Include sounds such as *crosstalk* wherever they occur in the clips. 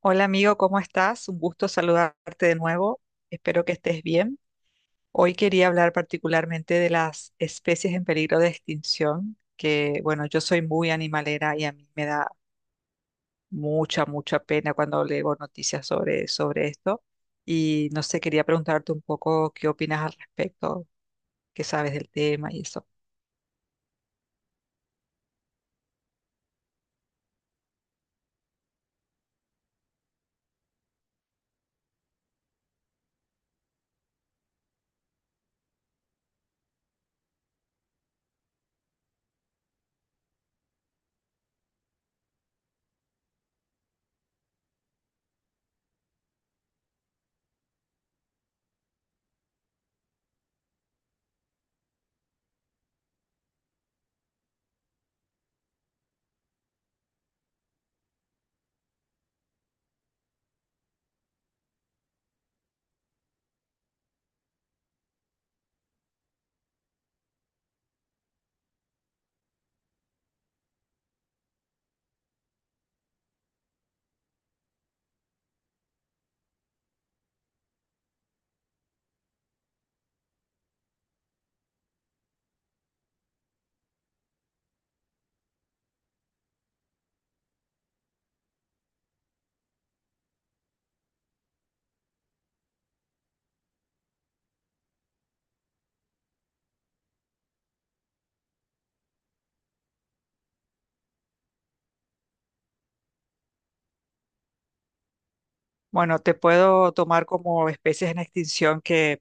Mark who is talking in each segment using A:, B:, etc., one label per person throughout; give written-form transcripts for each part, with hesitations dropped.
A: Hola amigo, ¿cómo estás? Un gusto saludarte de nuevo. Espero que estés bien. Hoy quería hablar particularmente de las especies en peligro de extinción, que bueno, yo soy muy animalera y a mí me da mucha, mucha pena cuando leo noticias sobre esto. Y no sé, quería preguntarte un poco qué opinas al respecto, qué sabes del tema y eso. Bueno, te puedo tomar como especies en extinción que,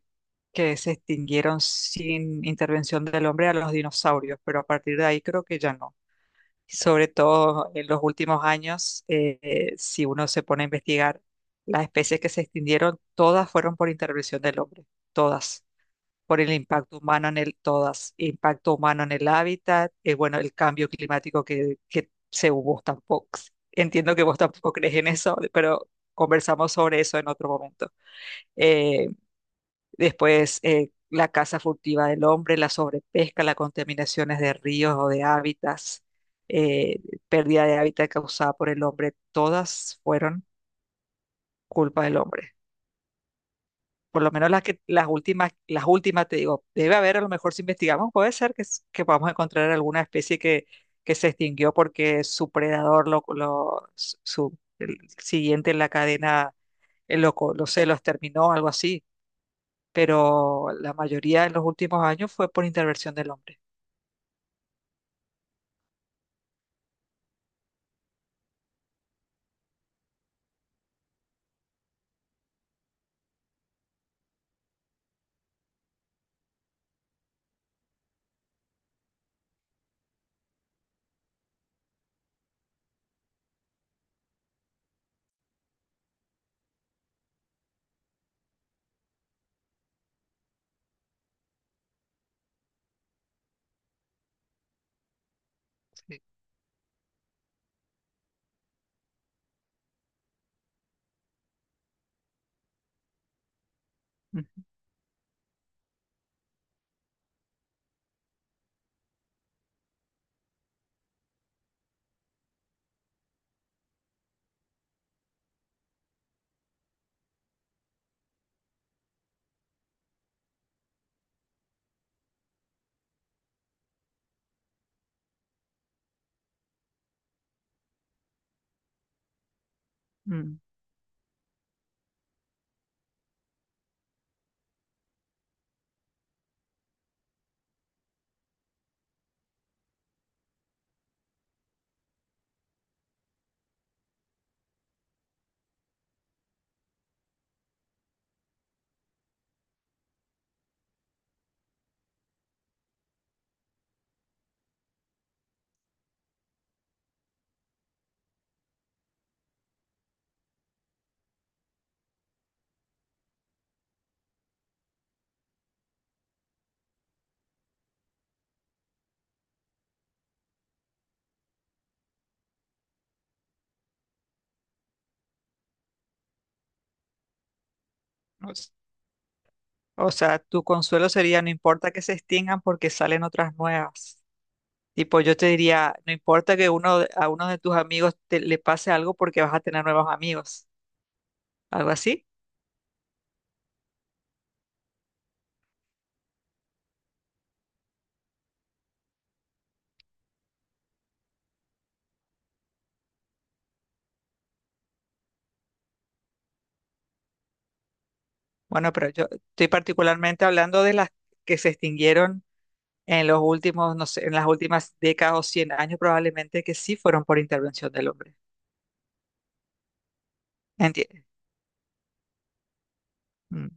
A: que se extinguieron sin intervención del hombre a los dinosaurios, pero a partir de ahí creo que ya no. Sobre todo en los últimos años, si uno se pone a investigar, las especies que se extinguieron, todas fueron por intervención del hombre, todas por el impacto humano en el, todas, impacto humano en el hábitat, bueno, el cambio climático que según vos tampoco, entiendo que vos tampoco crees en eso, pero conversamos sobre eso en otro momento. Eh, después, la caza furtiva del hombre, la sobrepesca, las contaminaciones de ríos o de hábitats, eh, pérdida de hábitat causada por el hombre, todas fueron culpa del hombre. Por lo menos las que las últimas, te digo, debe haber, a lo mejor si investigamos, puede ser que, que podamos encontrar alguna especie que se extinguió porque su predador, el siguiente en la cadena, lo sé, los terminó, algo así. Pero la mayoría en los últimos años fue por intervención del hombre. Sí. Ujú. Mm. O s- o sea, tu consuelo sería, no importa que se extingan porque salen otras nuevas. Tipo, yo te diría, no importa que uno, a uno de tus amigos le pase algo porque vas a tener nuevos amigos, algo así. Bueno, pero yo estoy particularmente hablando de las que se extinguieron en los últimos, no sé, en las últimas décadas o 100 años probablemente que sí fueron por intervención del hombre. ¿Entiendes? Mm.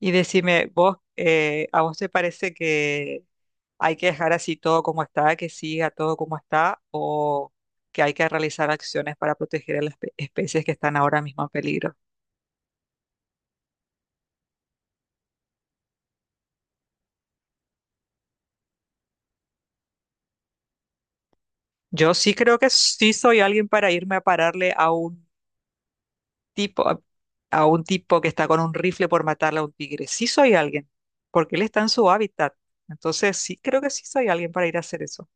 A: Y decime, vos, ¿a vos te parece que hay que dejar así todo como está, que siga todo como está, o que hay que realizar acciones para proteger a las especies que están ahora mismo en peligro? Yo sí creo que sí soy alguien para irme a pararle tipo, a, a un tipo que está con un rifle por matarle a un tigre. Sí soy alguien, porque él está en su hábitat. Entonces sí creo que sí soy alguien para ir a hacer eso.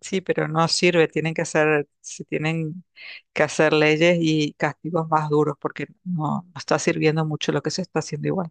A: Sí, pero no sirve, tienen que hacer, se tienen que hacer leyes y castigos más duros, porque no, no está sirviendo mucho lo que se está haciendo igual.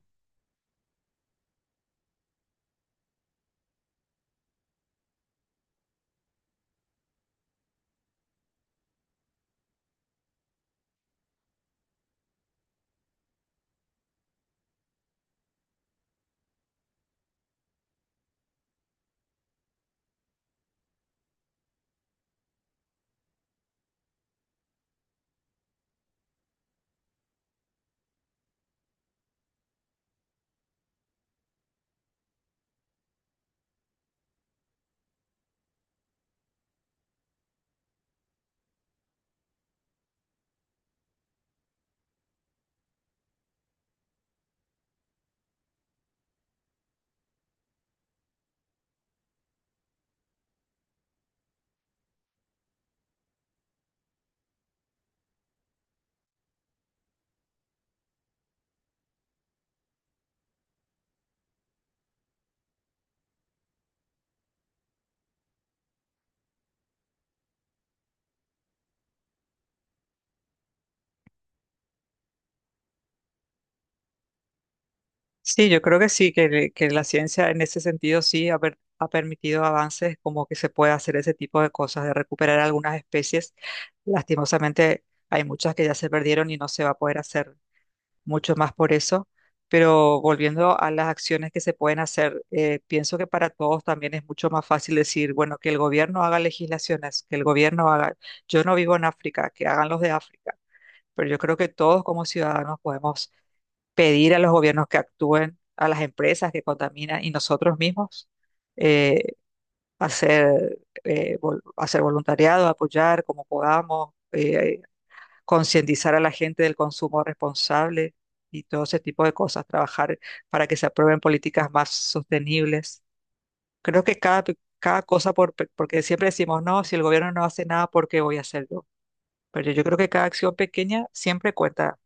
A: Sí, yo creo que sí, que la ciencia en ese sentido sí ha, ha permitido avances como que se puede hacer ese tipo de cosas, de recuperar algunas especies. Lastimosamente hay muchas que ya se perdieron y no se va a poder hacer mucho más por eso. Pero volviendo a las acciones que se pueden hacer, pienso que para todos también es mucho más fácil decir, bueno, que el gobierno haga legislaciones, que el gobierno haga, yo no vivo en África, que hagan los de África. Pero yo creo que todos como ciudadanos podemos pedir a los gobiernos que actúen, a las empresas que contaminan y nosotros mismos eh, hacer, hacer voluntariado, apoyar como podamos, concientizar a la gente del consumo responsable y todo ese tipo de cosas, trabajar para que se aprueben políticas más sostenibles. Creo que cada cosa, porque siempre decimos, no, si el gobierno no hace nada, ¿por qué voy a hacer yo? Pero yo creo que cada acción pequeña siempre cuenta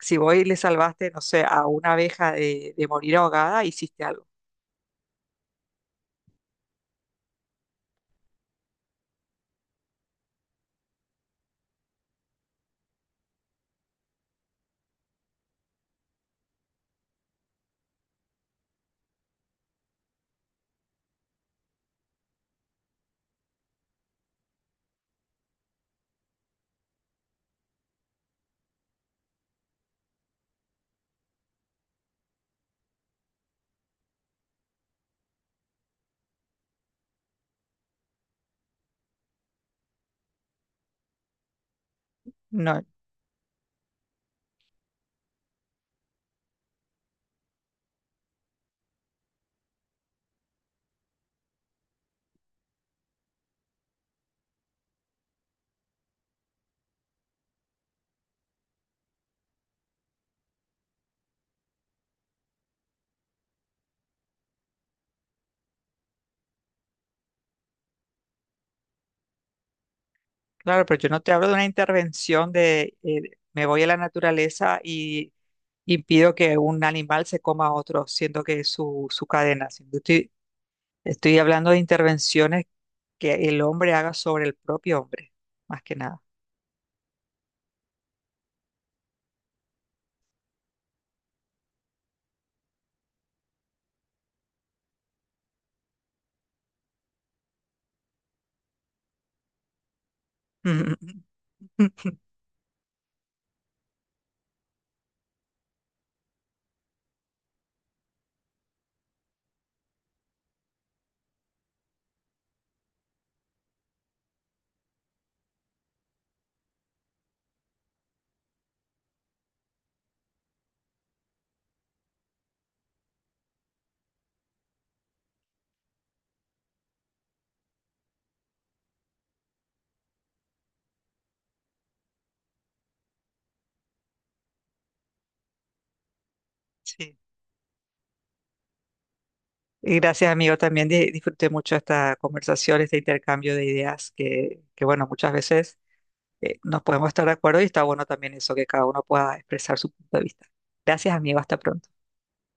A: si voy y le salvaste, no sé, a una abeja de morir ahogada, hiciste algo. No, claro, pero yo no te hablo de una intervención de me voy a la naturaleza y impido que un animal se coma a otro, siendo que es su, su cadena. Sino que estoy hablando de intervenciones que el hombre haga sobre el propio hombre, más que nada. *laughs* Sí. Y gracias, amigo. También disfruté mucho esta conversación, este intercambio de ideas que bueno, muchas veces nos podemos estar de acuerdo y está bueno también eso, que cada uno pueda expresar su punto de vista. Gracias, amigo. Hasta pronto.